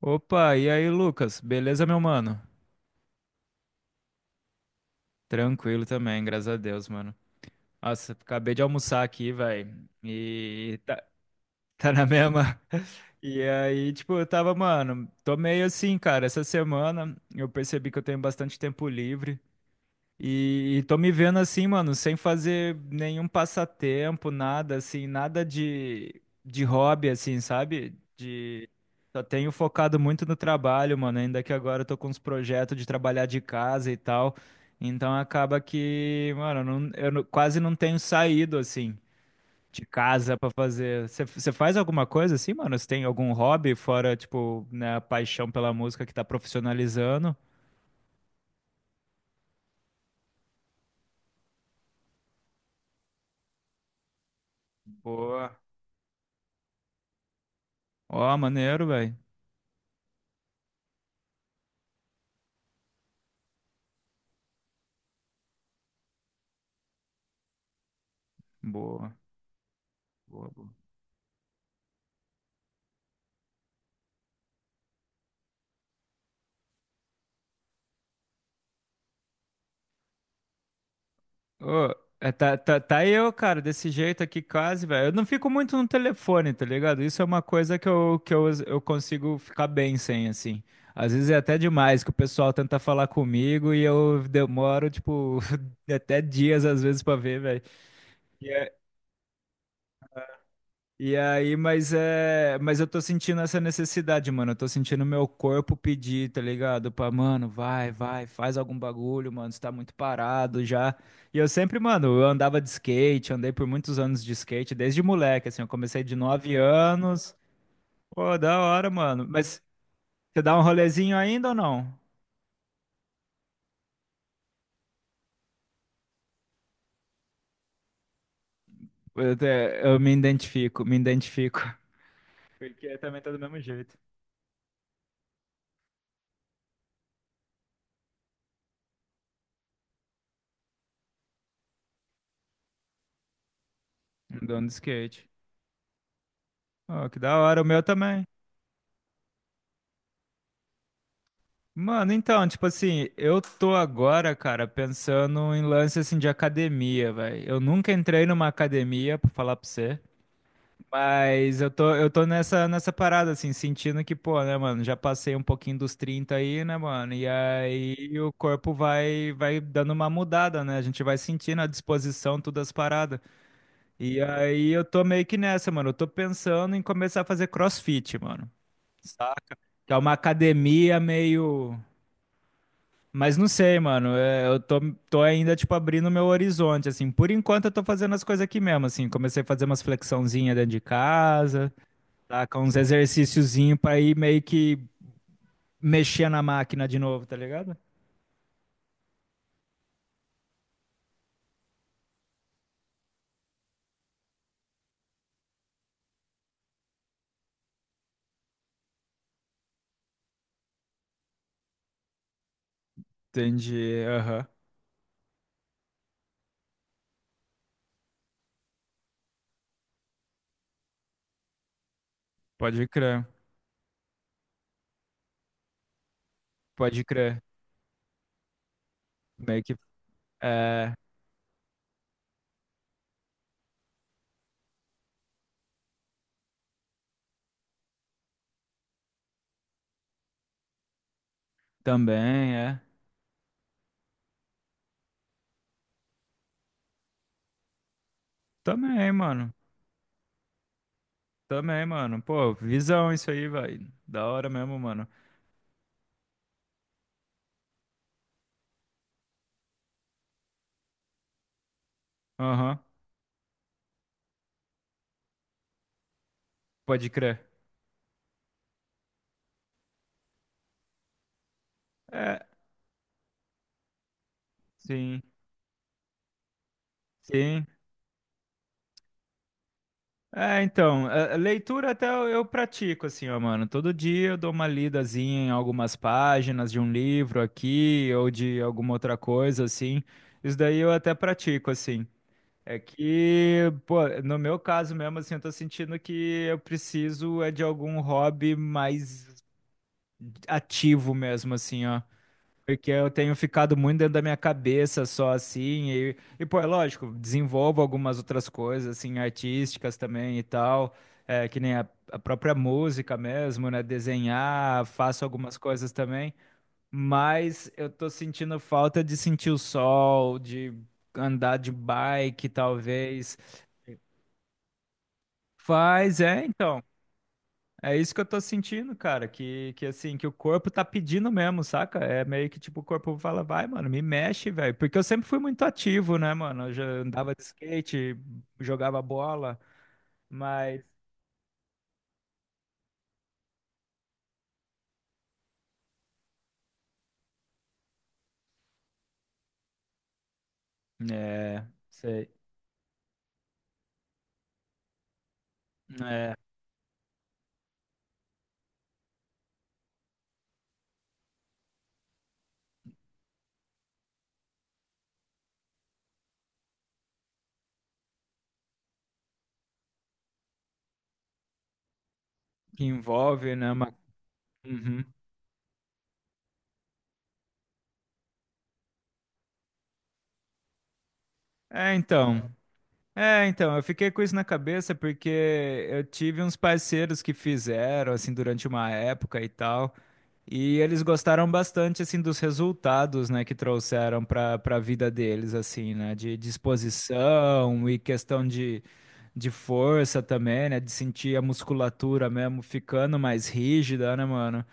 Opa, e aí, Lucas? Beleza, meu mano? Tranquilo também, graças a Deus, mano. Nossa, acabei de almoçar aqui, velho. E tá na mesma. E aí, tipo, eu tava, mano, tô meio assim, cara. Essa semana eu percebi que eu tenho bastante tempo livre. E tô me vendo assim, mano, sem fazer nenhum passatempo, nada assim, nada de hobby, assim, sabe? De, só tenho focado muito no trabalho, mano. Ainda que agora eu tô com uns projetos de trabalhar de casa e tal. Então acaba que, mano, eu não- quase não tenho saído, assim, de casa pra fazer. Você faz alguma coisa assim, mano? Você tem algum hobby fora, tipo, né, a paixão pela música que tá profissionalizando? Boa. Ó, maneiro, velho. Boa. Boa, boa. Ô, é, tá, tá, tá eu, cara, desse jeito aqui quase, velho. Eu não fico muito no telefone, tá ligado? Isso é uma coisa que eu consigo ficar bem sem, assim. Às vezes é até demais que o pessoal tenta falar comigo e eu demoro, tipo, até dias às vezes pra ver, velho. E aí, mas é, mas eu tô sentindo essa necessidade, mano. Eu tô sentindo meu corpo pedir, tá ligado? Pra, mano, vai, vai, faz algum bagulho, mano. Você tá muito parado já. E eu sempre, mano, eu andava de skate, andei por muitos anos de skate, desde moleque, assim. Eu comecei de 9 anos. Pô, da hora, mano. Mas você dá um rolezinho ainda ou não? Eu, te- eu me identifico, me identifico. Porque também tá do mesmo jeito. Andando de skate. Ó, que da hora, o meu também. Mano, então, tipo assim, eu tô agora, cara, pensando em lance assim de academia, velho. Eu nunca entrei numa academia, pra falar pra você, mas eu tô nessa parada, assim, sentindo que, pô, né, mano, já passei um pouquinho dos 30 aí, né, mano? E aí o corpo vai dando uma mudada, né? A gente vai sentindo a disposição, todas as paradas. E aí eu tô meio que nessa, mano. Eu tô pensando em começar a fazer CrossFit, mano. Saca? Que é uma academia meio. Mas não sei, mano. Eu tô ainda, tipo, abrindo meu horizonte, assim. Por enquanto, eu tô fazendo as coisas aqui mesmo, assim. Comecei a fazer umas flexãozinhas dentro de casa, tá? Com uns exercíciozinhos pra ir meio que mexer na máquina de novo, tá ligado? Entendi. Aham. Pode crer. Pode crer. Meio que. É. Também, é. Também, mano. Também, mano. Pô, visão isso aí, vai. Da hora mesmo, mano. Aham. Pode crer. É. Sim. Sim. É, então, a leitura até eu pratico, assim, ó, mano. Todo dia eu dou uma lidazinha em algumas páginas de um livro aqui ou de alguma outra coisa, assim. Isso daí eu até pratico, assim. É que, pô, no meu caso mesmo, assim, eu tô sentindo que eu preciso é de algum hobby mais ativo mesmo, assim, ó. Porque eu tenho ficado muito dentro da minha cabeça só assim, e pô, é lógico, desenvolvo algumas outras coisas, assim, artísticas também e tal, é, que nem a própria música mesmo, né? Desenhar, faço algumas coisas também, mas eu tô sentindo falta de sentir o sol, de andar de bike, talvez. Faz, é, então. É isso que eu tô sentindo, cara, que assim, que o corpo tá pedindo mesmo, saca? É meio que tipo, o corpo fala, vai, mano, me mexe, velho. Porque eu sempre fui muito ativo, né, mano? Eu já andava de skate, jogava bola, mas. É, sei. É, que envolve, né? Uma... Uhum. É, então. É, então, eu fiquei com isso na cabeça porque eu tive uns parceiros que fizeram, assim, durante uma época e tal. E eles gostaram bastante assim dos resultados, né, que trouxeram para a vida deles assim, né, de disposição e questão de força também, né, de sentir a musculatura mesmo ficando mais rígida, né, mano?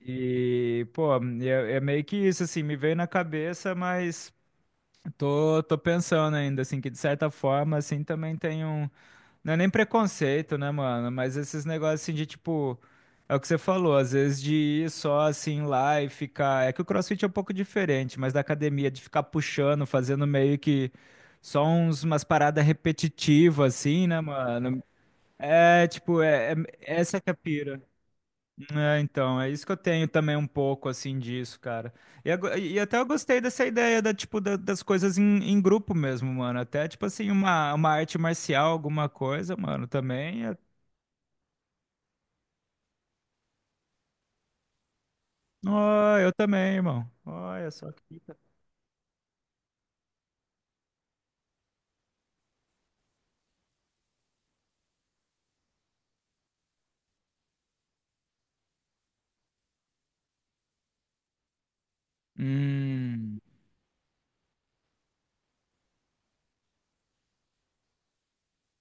E, pô, é, é meio que isso assim, me veio na cabeça, mas tô pensando ainda assim que de certa forma assim também tem um não é nem preconceito, né, mano? Mas esses negócios assim de tipo. É o que você falou, às vezes de ir só assim lá e ficar. É que o CrossFit é um pouco diferente, mas da academia, de ficar puxando, fazendo meio que só umas paradas repetitivas, assim, né, mano? É, tipo, essa que é a pira. É, então, é isso que eu tenho também um pouco, assim, disso, cara. E, ago- e até eu gostei dessa ideia da, tipo, da- das coisas em, em grupo mesmo, mano. Até, tipo assim, uma arte marcial, alguma coisa, mano, também. É... Ó, eu também, irmão. Olha só que fita. Hum,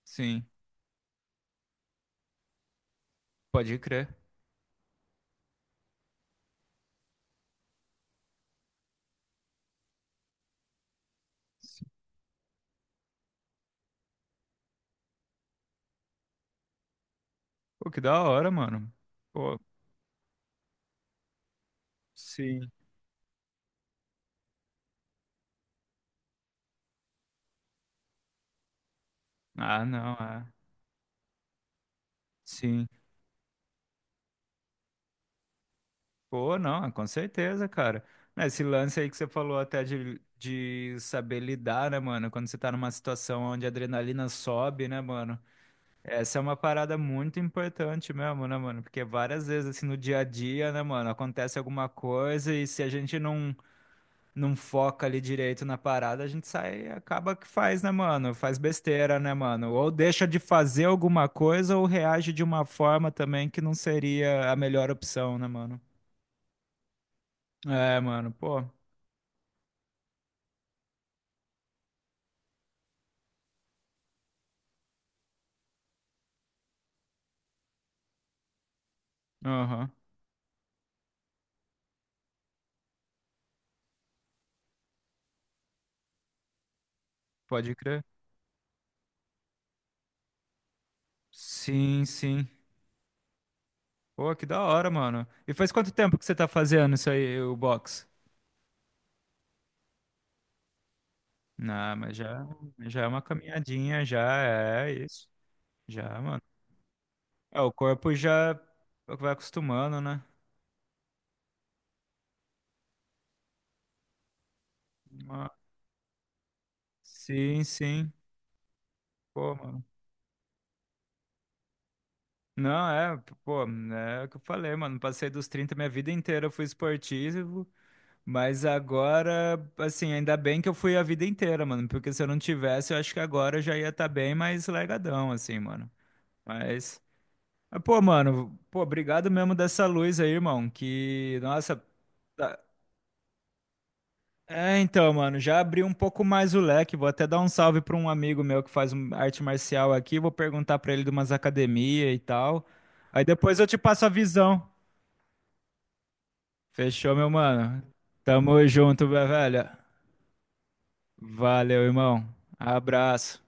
sim, pode crer. Sim. Pô, que da hora, mano. Pô, sim. Ah, não, é. Sim. Pô, não, com certeza, cara. Esse lance aí que você falou até de saber lidar, né, mano? Quando você tá numa situação onde a adrenalina sobe, né, mano? Essa é uma parada muito importante mesmo, né, mano? Porque várias vezes, assim, no dia a dia, né, mano, acontece alguma coisa e se a gente não foca ali direito na parada, a gente sai, acaba que faz, né, mano? Faz besteira, né, mano? Ou deixa de fazer alguma coisa ou reage de uma forma também que não seria a melhor opção, né, mano? É, mano, pô. Aham, pode crer. Sim, sim. Pô, que da hora, mano. E faz quanto tempo que você tá fazendo isso aí, o box? Não, mas já, já é uma caminhadinha, já é isso. Já, mano. É, o corpo já vai acostumando, né? Uma- Sim, sim. Pô, mano. Não, é, pô, é o que eu falei, mano. Passei dos 30, minha vida inteira eu fui esportivo. Mas agora, assim, ainda bem que eu fui a vida inteira, mano. Porque se eu não tivesse, eu acho que agora eu já ia estar bem mais legadão, assim, mano. Mas, pô, mano, pô, obrigado mesmo dessa luz aí, irmão. Que, nossa. tá- É, então, mano, já abri um pouco mais o leque. Vou até dar um salve pra um amigo meu que faz arte marcial aqui. Vou perguntar pra ele de umas academias e tal. Aí depois eu te passo a visão. Fechou, meu mano? Tamo junto, velho. Valeu, irmão. Abraço.